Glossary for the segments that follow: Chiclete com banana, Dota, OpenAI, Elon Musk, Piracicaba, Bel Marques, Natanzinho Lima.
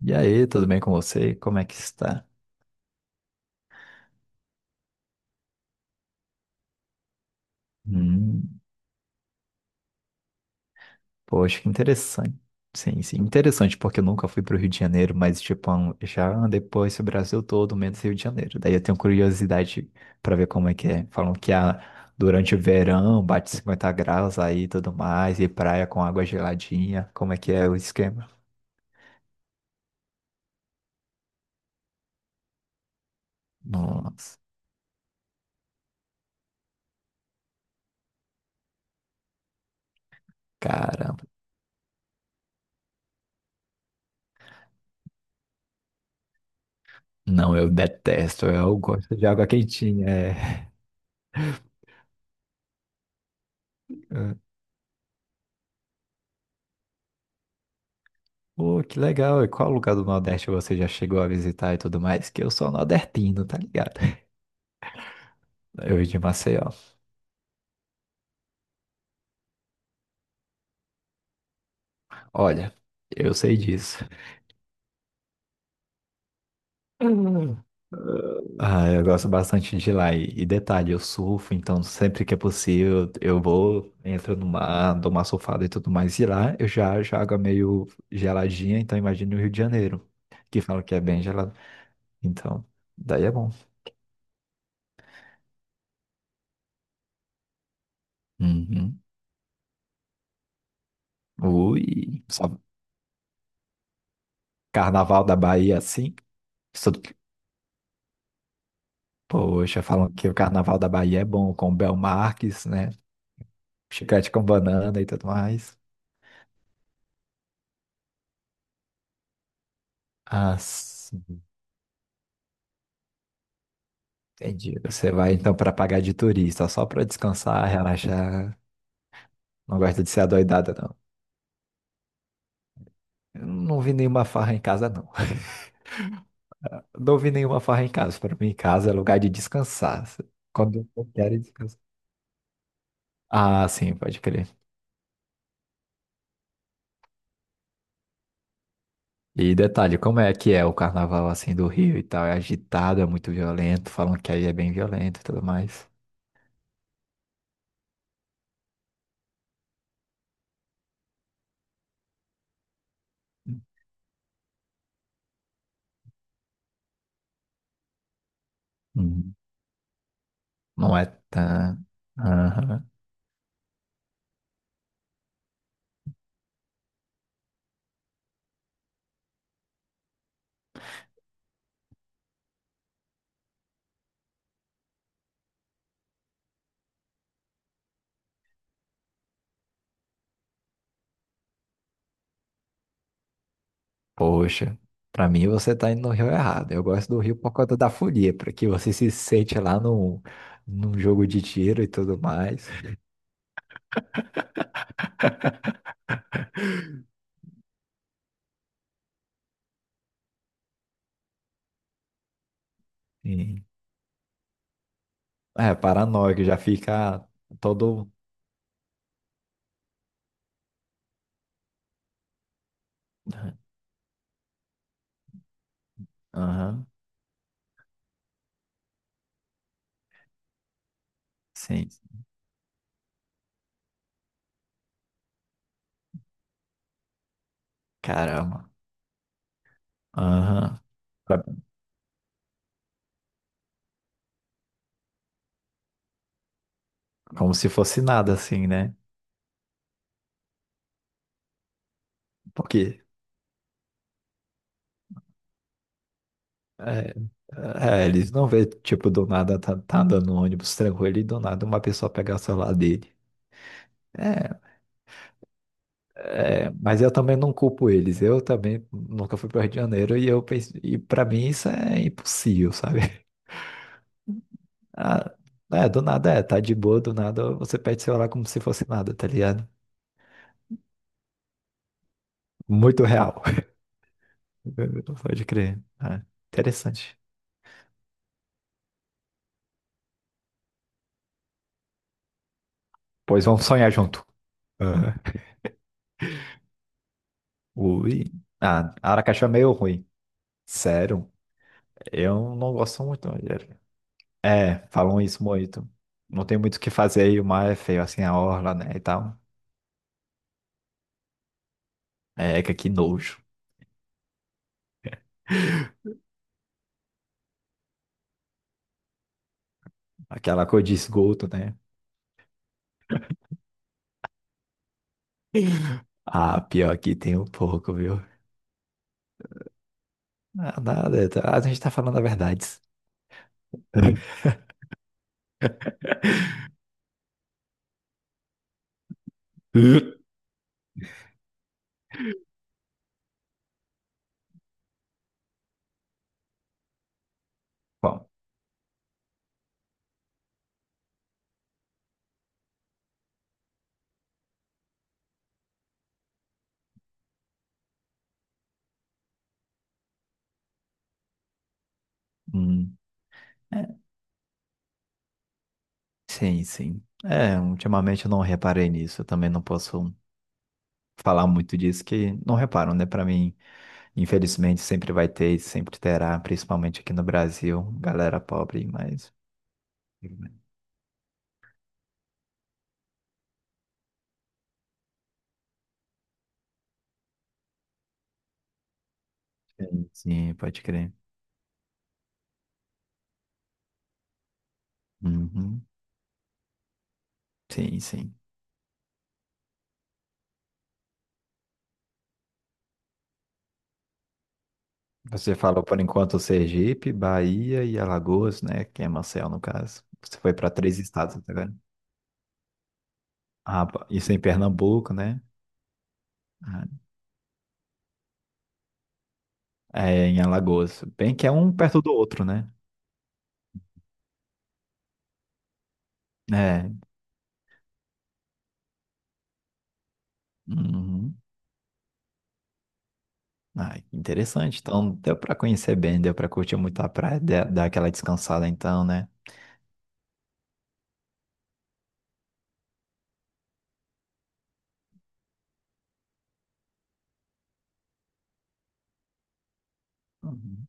E aí, tudo bem com você? Como é que está? Hum, Poxa, que interessante. Sim, sim, interessante, porque eu nunca fui para o Rio de Janeiro, mas, tipo, já andei por esse Brasil todo, menos Rio de Janeiro. Daí eu tenho curiosidade para ver como é que é. Falam que durante o verão bate 50 graus aí e tudo mais, e praia com água geladinha. Como é que é o esquema? Nossa, caramba. Não, eu detesto, eu gosto de água quentinha. É. Pô, que legal. E qual lugar do Nordeste você já chegou a visitar e tudo mais? Que eu sou nordestino, tá ligado? Eu de Maceió. Olha, eu sei disso. Uhum. Ah, eu gosto bastante de lá. E detalhe, eu surfo, então sempre que é possível eu vou, entro no mar, dou uma surfada e tudo mais. E lá eu já água meio geladinha, então imagina o Rio de Janeiro, que falam que é bem gelado. Então, daí é bom. Uhum. Ui, só carnaval da Bahia assim. Poxa, falam que o Carnaval da Bahia é bom, com o Bel Marques, né? Chiclete com banana e tudo mais. Ah, sim, entendi. Você vai então para pagar de turista, só para descansar, relaxar. Não gosta de ser adoidada, não. Eu não vi nenhuma farra em casa, não. Não vi nenhuma farra em casa. Para mim, em casa é lugar de descansar. Quando eu quero descansar. Ah, sim, pode crer. E detalhe, como é que é o carnaval assim do Rio e tal? É agitado, é muito violento, falam que aí é bem violento e tudo mais. Uhum. Não é tão. Aham. Poxa, pra mim você tá indo no rio errado. Eu gosto do rio por conta da folia, porque você se sente lá no, num jogo de tiro e tudo mais. E, é, paranoico, já fica todo. Aham, sim. Caramba. Aham. Pra- Como se fosse nada assim, né? Porque. É, é, eles não vê, tipo, do nada tá andando no ônibus tranquilo e do nada uma pessoa pegar o celular dele. É. É, mas eu também não culpo eles. Eu também nunca fui para o Rio de Janeiro e eu pensei, e para mim isso é impossível, sabe? Ah, é, do nada é, tá de boa, do nada você pede celular como se fosse nada, tá ligado? Muito real. Pode crer. Ah, interessante. Pois vamos sonhar junto. Aham. Ui. Ah, Aracaju é meio ruim. Sério, eu não gosto muito. É, falam isso muito. Não tem muito o que fazer e o mar é feio, assim, a orla, né, e tal. É, que aqui nojo. Aquela cor de esgoto, né? Ah, pior que tem um pouco, viu? Ah, Nada, tá- a gente tá falando a verdade. Bom, hum, é, sim, sim. É, ultimamente eu não reparei nisso. Eu também não posso falar muito disso, que não reparam, né? Pra mim, infelizmente, sempre vai ter e sempre terá, principalmente aqui no Brasil, galera pobre, mas. Sim, sim, pode crer. Uhum. Sim, sim. Você falou por enquanto Sergipe, Bahia e Alagoas, né? Que é Maceió, no caso. Você foi para três estados até agora. Ah, isso é em Pernambuco, né? Ah, é, em Alagoas. Bem que é um perto do outro, né? É. Uhum. Ah, interessante. Então, deu para conhecer bem, deu para curtir muito a praia, dar aquela descansada então, né? Uhum.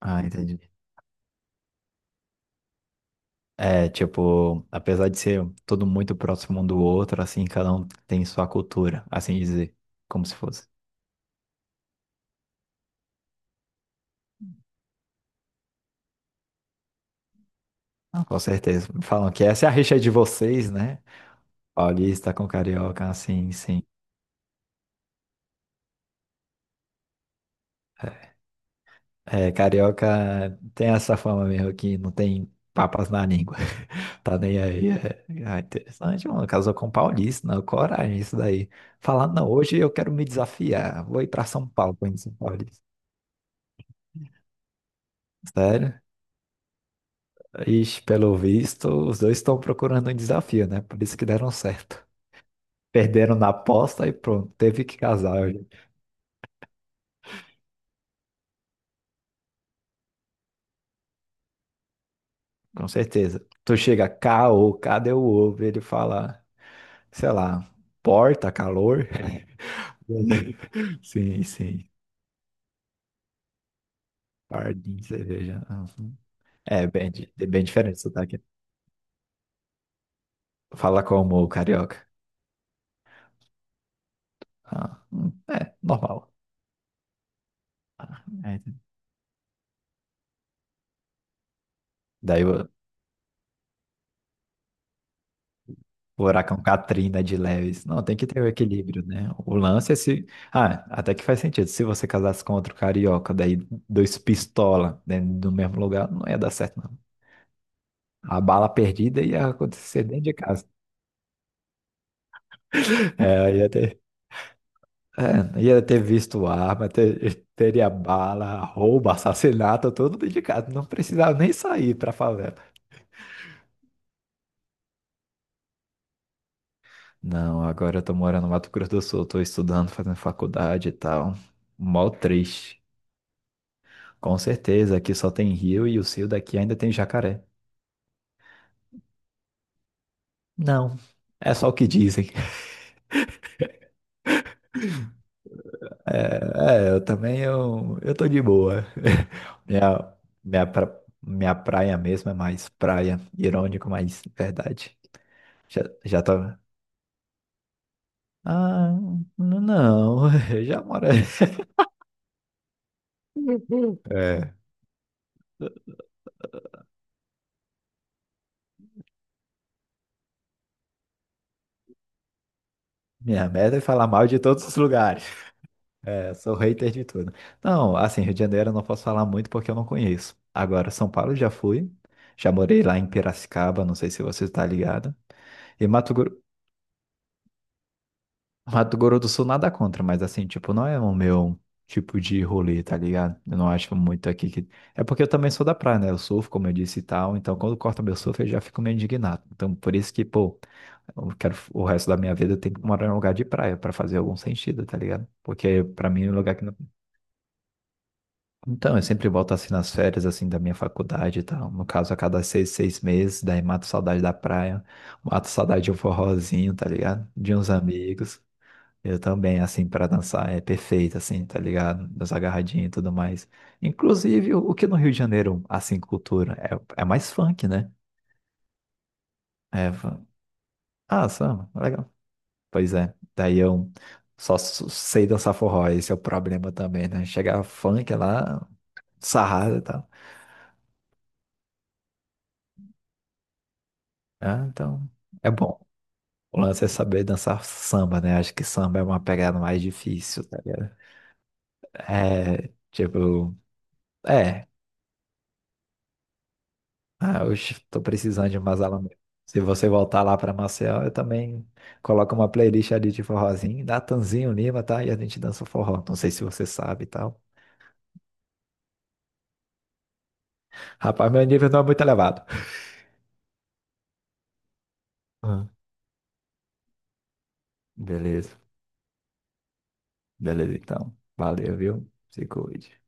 Ah, entendi. É, tipo, apesar de ser tudo muito próximo um do outro, assim, cada um tem sua cultura, assim dizer, como se fosse. Não, com certeza. Falam que essa é a rixa de vocês, né? Paulista com carioca, assim, sim. É, carioca tem essa fama mesmo que não tem papas na língua. Tá nem aí. É, é interessante, mano. Casou com paulista, não. Coragem, isso daí. Falar, não, hoje eu quero me desafiar. Vou ir pra São Paulo conhecer um paulista. Sério? Ixi, pelo visto, os dois estão procurando um desafio, né? Por isso que deram certo. Perderam na aposta e pronto, teve que casar. Com certeza. Tu chega cá ou cadê o ovo? Ele fala, sei lá, porta, calor. Sim, sim. Pardinho, cerveja. Uhum. É bem, é bem diferente o sotaque. Fala como o carioca. Ah, é, normal. É. Daí o huracão Katrina de Leves. Não, tem que ter o equilíbrio, né? O lance é se. Ah, até que faz sentido. Se você casasse com outro carioca, daí dois pistola dentro do mesmo lugar, não ia dar certo. A bala perdida ia acontecer dentro de casa. É, ia ter, é, ia ter visto arma, teria bala, roubo, assassinato, tudo dentro de casa. Não precisava nem sair pra favela. Não, agora eu tô morando no Mato Grosso do Sul, tô estudando, fazendo faculdade e tal. Mó triste. Com certeza, aqui só tem rio e o rio daqui ainda tem jacaré. Não, é só o que dizem. É, é, eu também, eu tô de boa. Minha, minha praia mesmo é mais praia, irônico, mas é verdade. Já tô... Ah, não, eu já moro... É, minha meta é falar mal de todos os lugares. É, eu sou hater de tudo. Não, assim, Rio de Janeiro eu não posso falar muito porque eu não conheço. Agora, São Paulo eu já fui, já morei lá em Piracicaba, não sei se você está ligado. E Mato Grosso. Mato Grosso do Sul nada contra, mas assim, tipo, não é o meu tipo de rolê, tá ligado? Eu não acho muito aqui que. É porque eu também sou da praia, né? Eu surfo, como eu disse e tal. Então, quando corta meu surf, eu já fico meio indignado. Então, por isso que, pô, eu quero o resto da minha vida eu tenho que morar em um lugar de praia pra fazer algum sentido, tá ligado? Porque pra mim é um lugar que não. Então, eu sempre volto assim nas férias, assim, da minha faculdade e tal. No caso, a cada 6 meses, daí mato saudade da praia, mato saudade de um forrozinho, tá ligado? De uns amigos. Eu também, assim, pra dançar é perfeito, assim, tá ligado? Dançar agarradinho e tudo mais. Inclusive, o que no Rio de Janeiro, assim, cultura, é, é mais funk, né? É, ah, samba, legal. Pois é, daí eu só sei dançar forró, esse é o problema também, né? Chegar funk lá, sarrada e tal. Ah, então, é bom. O lance é saber dançar samba, né? Acho que samba é uma pegada mais difícil, tá ligado? É, tipo, é, ah, oxe, tô precisando de umas aula mesmo. Se você voltar lá para Maceió, eu também coloco uma playlist ali de forrozinho, Natanzinho Lima, tá? E a gente dança o forró. Não sei se você sabe e tal. Rapaz, meu nível não é muito elevado. Ah, beleza, beleza então. Valeu, viu? Se cuide.